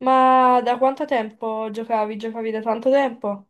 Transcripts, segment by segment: Ma da quanto tempo giocavi? Giocavi da tanto tempo?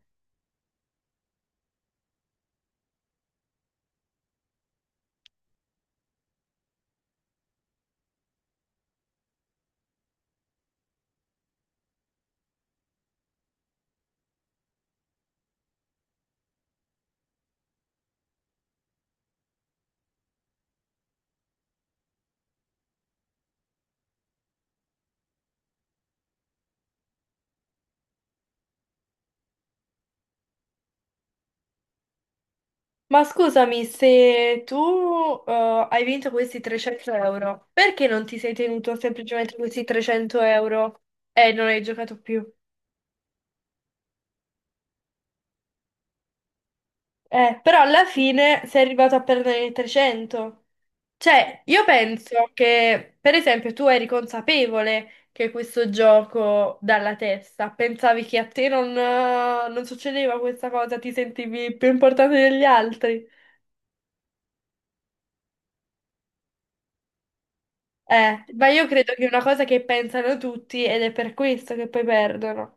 Ma scusami, se tu hai vinto questi 300 euro, perché non ti sei tenuto semplicemente questi 300 euro e non hai giocato più? Però alla fine sei arrivato a perdere i 300. Cioè, io penso che, per esempio, tu eri consapevole che questo gioco dalla testa, pensavi che a te non, non succedeva questa cosa, ti sentivi più importante degli altri. Ma io credo che è una cosa che pensano tutti ed è per questo che poi perdono.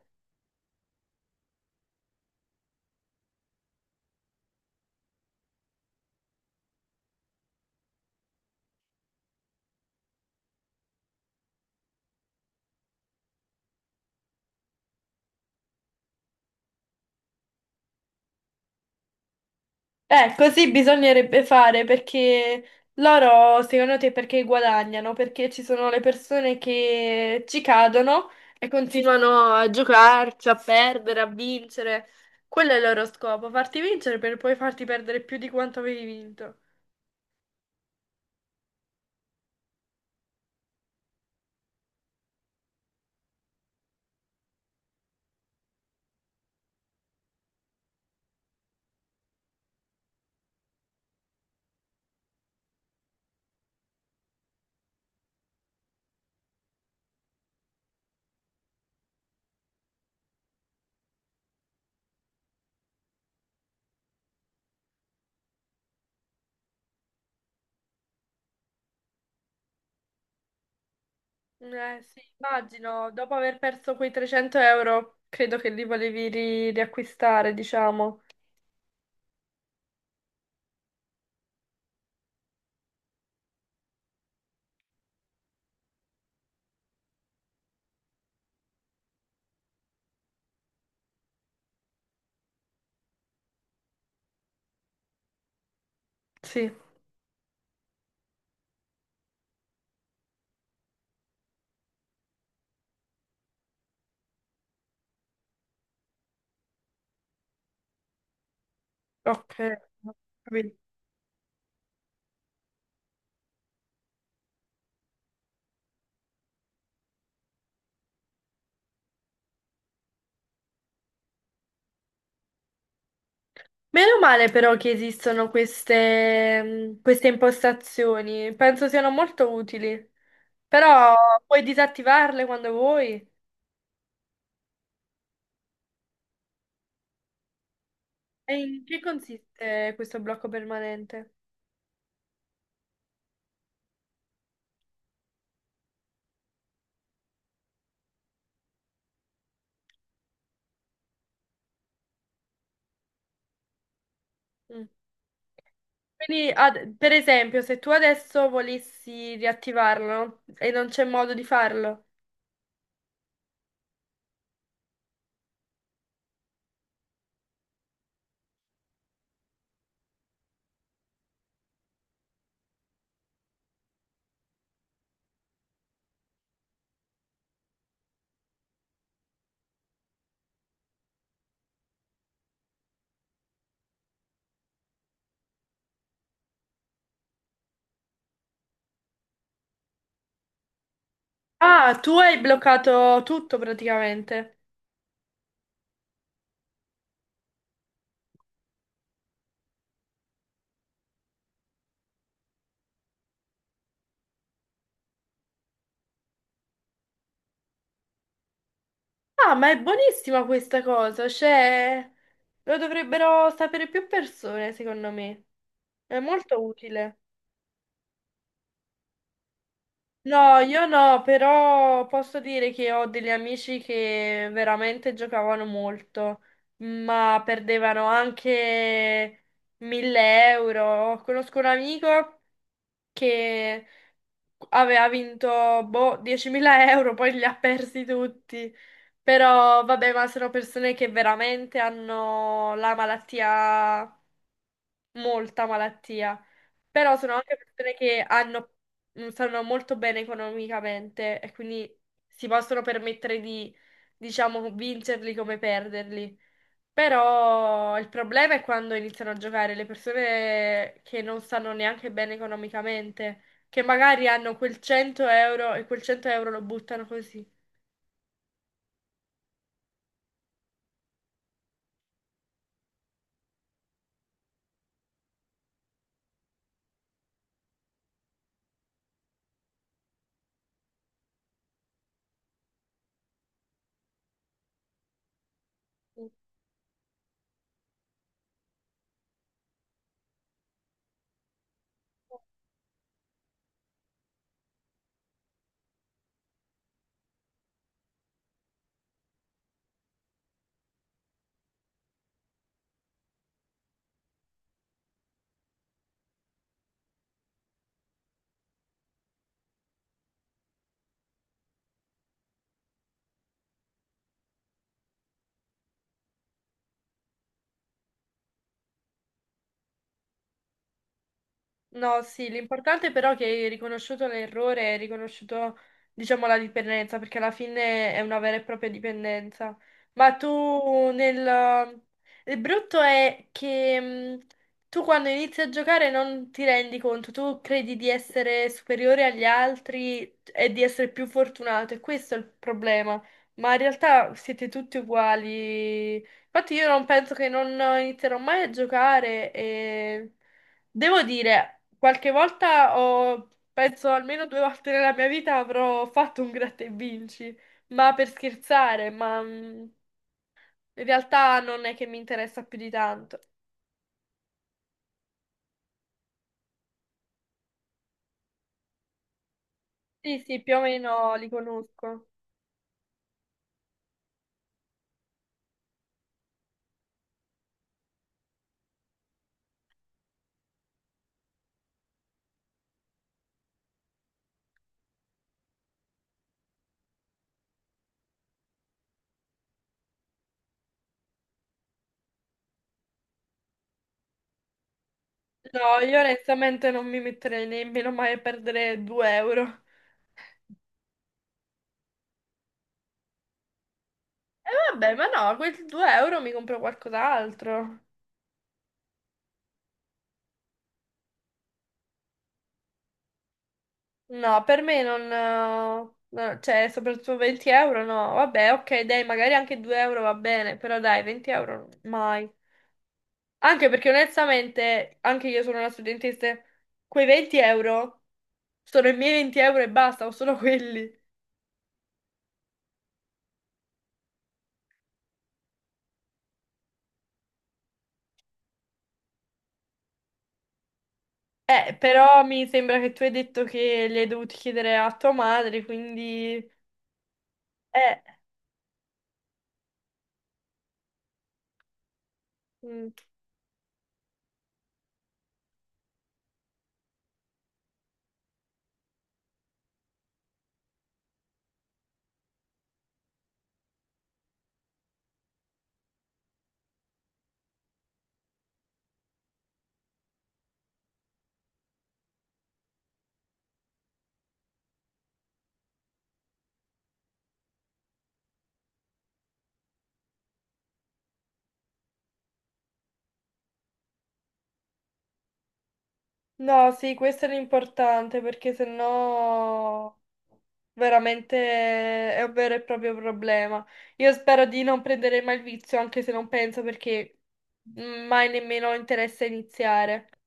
Così bisognerebbe fare perché loro, secondo te, perché guadagnano? Perché ci sono le persone che ci cadono e continuano a giocarci, a perdere, a vincere. Quello è il loro scopo, farti vincere per poi farti perdere più di quanto avevi vinto. Sì, immagino, dopo aver perso quei 300 euro, credo che li volevi riacquistare, diciamo. Sì. Ok, ho capito. Meno male però che esistono queste, queste impostazioni, penso siano molto utili, però puoi disattivarle quando vuoi. E in che consiste questo blocco permanente? Mm. Quindi, per esempio, se tu adesso volessi riattivarlo e non c'è modo di farlo, ah, tu hai bloccato tutto praticamente. Ah, ma è buonissima questa cosa, cioè lo dovrebbero sapere più persone, secondo me. È molto utile. No, io no, però posso dire che ho degli amici che veramente giocavano molto, ma perdevano anche 1000 euro. Conosco un amico che aveva vinto boh, 10.000 euro, poi li ha persi tutti. Però vabbè, ma sono persone che veramente hanno la malattia, molta malattia. Però sono anche persone che hanno, stanno molto bene economicamente e quindi si possono permettere di, diciamo, vincerli come perderli. Però il problema è quando iniziano a giocare le persone che non stanno neanche bene economicamente, che magari hanno quel 100 euro e quel 100 euro lo buttano così. No, sì, l'importante però è che hai riconosciuto l'errore, hai riconosciuto, diciamo, la dipendenza, perché alla fine è una vera e propria dipendenza. Ma tu nel... Il brutto è che tu quando inizi a giocare non ti rendi conto, tu credi di essere superiore agli altri e di essere più fortunato, e questo è il problema. Ma in realtà siete tutti uguali. Infatti io non penso che non inizierò mai a giocare e... Devo dire... Qualche volta ho, penso almeno due volte nella mia vita avrò fatto un gratta e vinci, ma per scherzare, ma in realtà non è che mi interessa più di tanto. Sì, sì, più o meno li conosco. No, io onestamente non mi metterei nemmeno mai a perdere 2 euro. E vabbè, ma no, quei 2 euro mi compro qualcos'altro. No, per me non... No, cioè, soprattutto 20 euro no. Vabbè, ok, dai, magari anche 2 euro va bene, però dai, 20 euro mai. Anche perché onestamente, anche io sono una studentessa, quei 20 euro sono i miei 20 euro e basta, o sono quelli. Però mi sembra che tu hai detto che li hai dovuti chiedere a tua madre, quindi... Eh, mm. No, sì, questo era importante perché sennò veramente è un vero e proprio problema. Io spero di non prendere mai il vizio, anche se non penso perché mai nemmeno ho interesse a iniziare.